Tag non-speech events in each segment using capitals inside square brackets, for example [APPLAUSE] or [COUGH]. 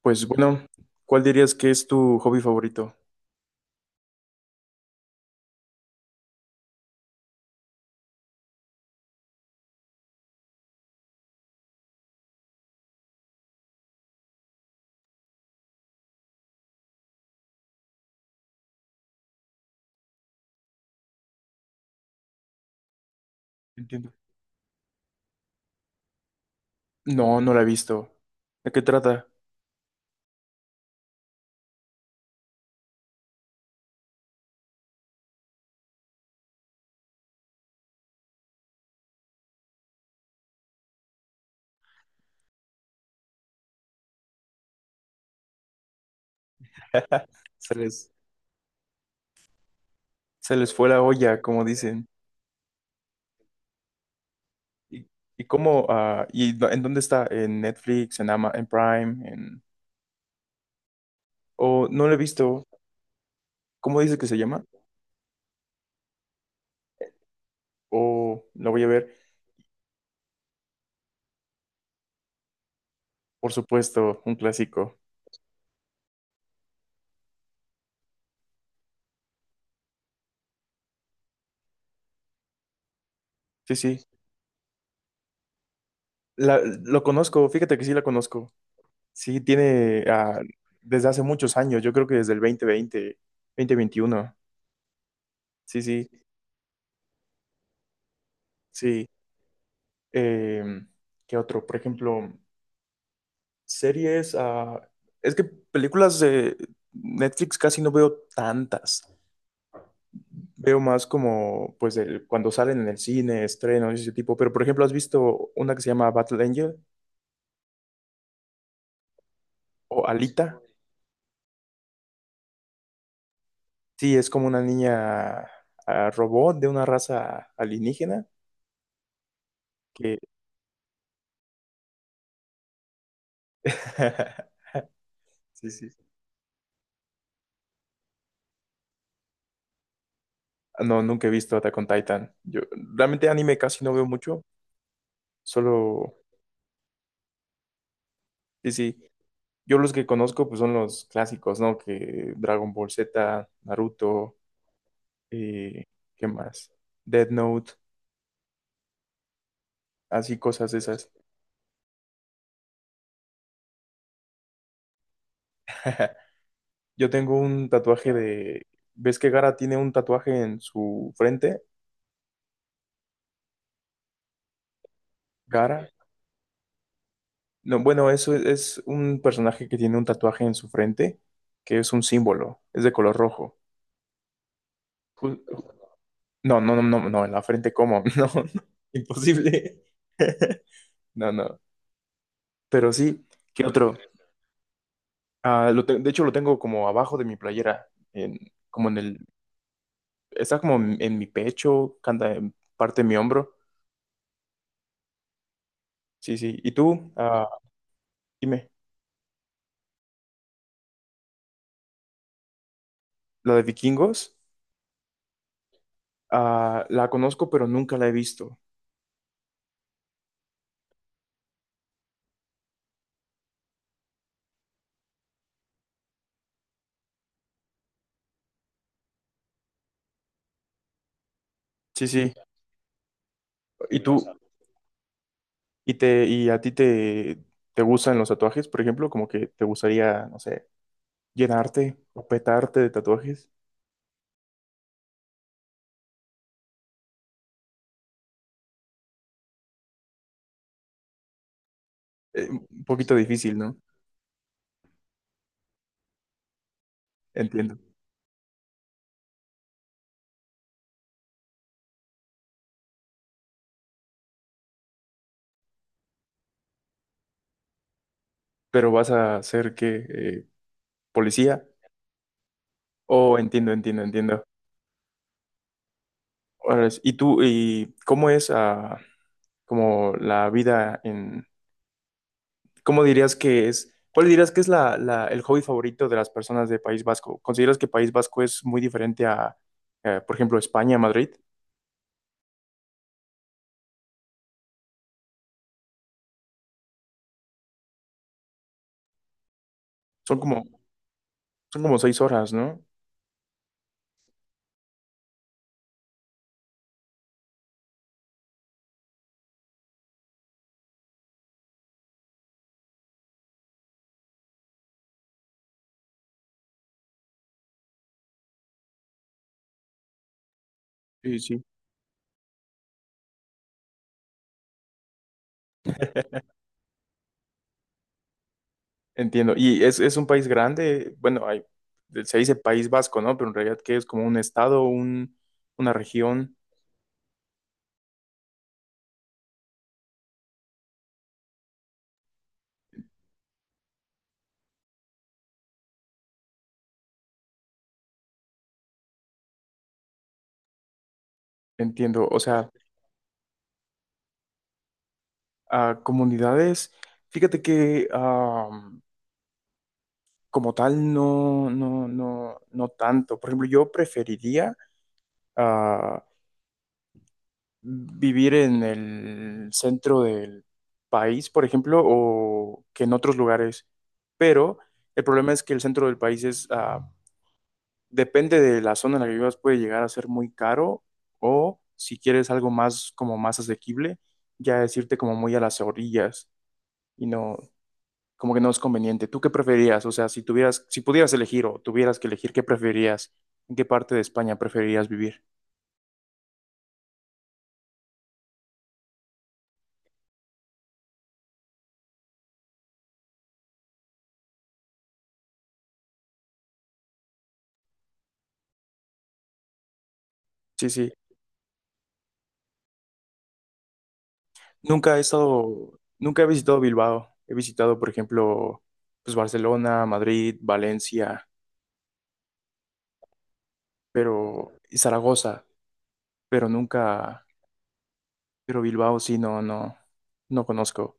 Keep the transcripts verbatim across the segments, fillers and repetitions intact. Pues bueno, ¿cuál dirías que es tu hobby favorito? Entiendo. No, no la he visto. ¿De qué trata? [LAUGHS] Se les, se les fue la olla, como dicen. ¿Y, y cómo, ah, y do- en dónde está? ¿En Netflix, en Ama, en Prime, en... o no lo he visto? ¿Cómo dice que se llama? O la voy a ver, por supuesto, un clásico. Sí, sí, la, lo conozco, fíjate que sí la conozco. Sí, tiene ah, desde hace muchos años, yo creo que desde el dos mil veinte, dos mil veintiuno. Sí, sí, sí. Em, ¿qué otro? Por ejemplo, series, ah, es que películas de Netflix casi no veo tantas. Veo más como, pues, el- cuando salen en el cine, estrenos y ese tipo. Pero, por ejemplo, ¿has visto una que se llama Battle Angel o Alita? Sí, es como una niña ah, robot de una raza alienígena que... [LAUGHS] Sí, sí. Ah, no, nunca he visto Attack on Titan. Yo realmente anime casi no veo mucho. Solo... Sí, sí. Yo los que conozco, pues, son los clásicos, ¿no? Que Dragon Ball Z, Naruto, eh, ¿qué más? Death Note, así cosas de esas. [LAUGHS] Yo tengo un tatuaje de... ¿Ves que Gara tiene un tatuaje en su frente? Gara. No, bueno, eso es, es un personaje que tiene un tatuaje en su frente, que es un símbolo, es de color rojo. Ju- ju- No, no, no, no, no, en la frente, ¿cómo? [LAUGHS] No, no, imposible. [LAUGHS] No, no. Pero sí, ¿qué otro? Ah, lo te- de hecho, lo tengo como abajo de mi playera, en, como en el, está como en, en mi pecho, canta en parte de mi hombro. Sí, sí. ¿Y tú? Ah, dime, ¿la de vikingos? Ah, la conozco, pero nunca la he visto. Sí, sí. ¿Y tú, y te, y a ti te, te gustan los tatuajes, por ejemplo? Como que te gustaría, no sé, llenarte o petarte de tatuajes. Eh, un poquito difícil, ¿no? Entiendo. Pero vas a ser que eh, policía. Oh, entiendo, entiendo, entiendo. Órale. ¿Y tú, y cómo es ah, como la vida en ¿Cómo dirías que es? ¿Cuál dirías que es la, la- el hobby favorito de las personas de País Vasco? ¿Consideras que País Vasco es muy diferente a, eh, por ejemplo, España, Madrid? Son como, son como seis horas, ¿no? Sí, sí. Entiendo. Y es, es un país grande, bueno, hay, se dice País Vasco, ¿no? Pero en realidad que es como un estado, un, una región, entiendo. O sea, a comunidades, fíjate que ah, como tal, no, no, no, no tanto. Por ejemplo, yo preferiría... ah, vivir en el centro del país, por ejemplo, o que en otros lugares. Pero el problema es que el centro del país es, ah, depende de la zona en la que vivas, puede llegar a ser muy caro o si quieres algo más como más asequible, ya es irte como muy a las orillas y no, como que no es conveniente. ¿Tú qué preferías? O sea, si tuvieras, si pudieras elegir o tuvieras que elegir, ¿qué preferías? ¿En qué parte de España preferirías vivir? Sí, sí. Nunca he estado, nunca he visitado Bilbao. He visitado, por ejemplo, pues Barcelona, Madrid, Valencia, pero y Zaragoza, pero nunca, pero Bilbao sí, no, no, no conozco.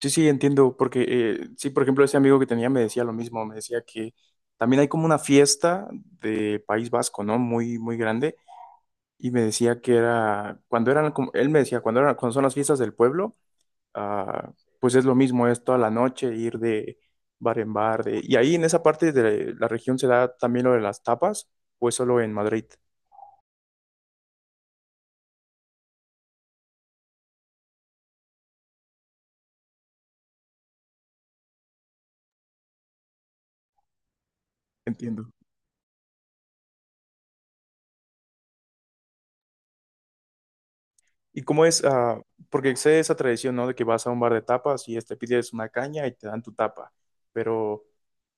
Sí, sí, entiendo, porque eh, sí, por ejemplo, ese amigo que tenía me decía lo mismo, me decía que también hay como una fiesta de País Vasco, ¿no? Muy, muy grande, y me decía que era, cuando eran, como- él me decía, cuando eran, cuando son las fiestas del pueblo, ah, pues es lo mismo, es toda la noche ir de bar en bar. De- y ahí en esa parte de la región se da también lo de las tapas, o es solo en Madrid, entiendo. ¿Y cómo es? Ah, porque sé esa tradición, ¿no? De que vas a un bar de tapas y este, pides una caña y te dan tu tapa, pero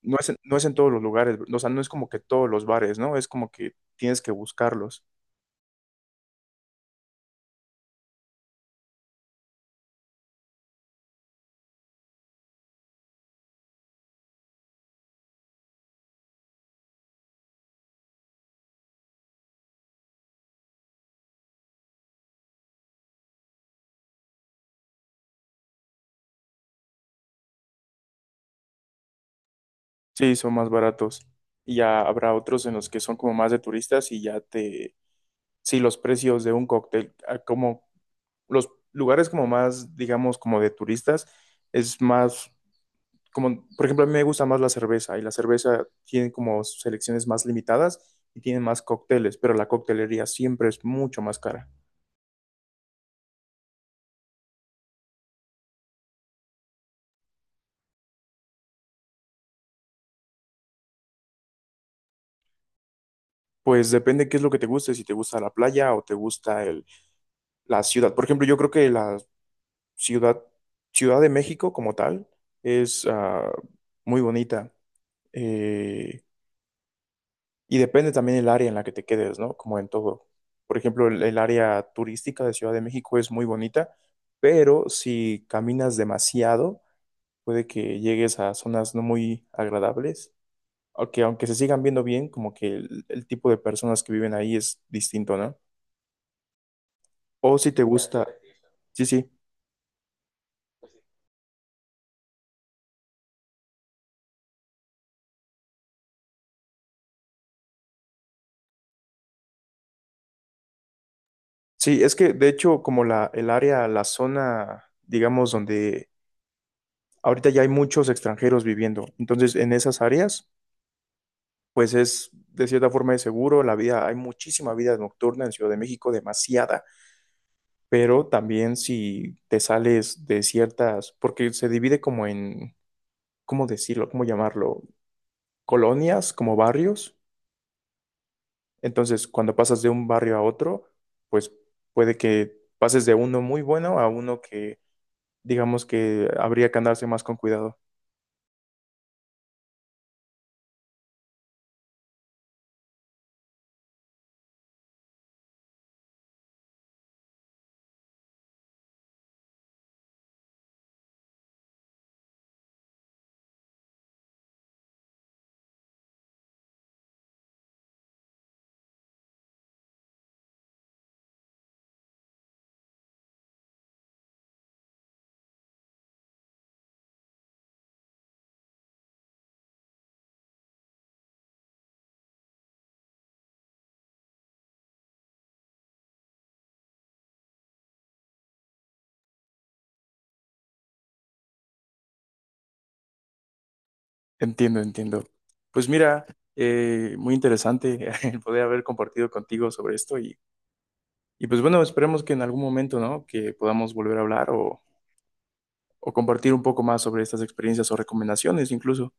no es, en- no es en todos los lugares, o sea, no es como que todos los bares, ¿no? Es como que tienes que buscarlos. Sí, son más baratos. Y ya habrá otros en los que son como más de turistas y ya te sí, los precios de un cóctel, ah, como los lugares como más, digamos, como de turistas, es más, como, por ejemplo, a mí me gusta más la cerveza y la cerveza tiene como selecciones más limitadas y tiene más cócteles, pero la coctelería siempre es mucho más cara. Pues depende qué es lo que te guste, si te gusta la playa o te gusta el, la ciudad. Por ejemplo, yo creo que la ciudad, Ciudad de México como tal, es ah, muy bonita. Eh, Y depende también el área en la que te quedes, ¿no? Como en todo. Por ejemplo, el, el área turística de Ciudad de México es muy bonita, pero si caminas demasiado, puede que llegues a zonas no muy agradables, aunque aunque se sigan viendo bien, como que el, el tipo de personas que viven ahí es distinto, ¿no? O si te gusta, sí, sí, sí, es que de hecho como la, el área, la zona, digamos, donde ahorita ya hay muchos extranjeros viviendo, entonces en esas áreas pues es de cierta forma de seguro. La vida, hay muchísima vida nocturna en Ciudad de México, demasiada, pero también si te sales de ciertas, porque se divide como en, ¿cómo decirlo? ¿Cómo llamarlo? Colonias, como barrios. Entonces, cuando pasas de un barrio a otro, pues puede que pases de uno muy bueno a uno que, digamos que habría que andarse más con cuidado. Entiendo, entiendo. Pues mira, eh, muy interesante [LAUGHS] el poder haber compartido contigo sobre esto y Y pues bueno, esperemos que en algún momento, ¿no? Que podamos volver a hablar o, o compartir un poco más sobre estas experiencias o recomendaciones incluso.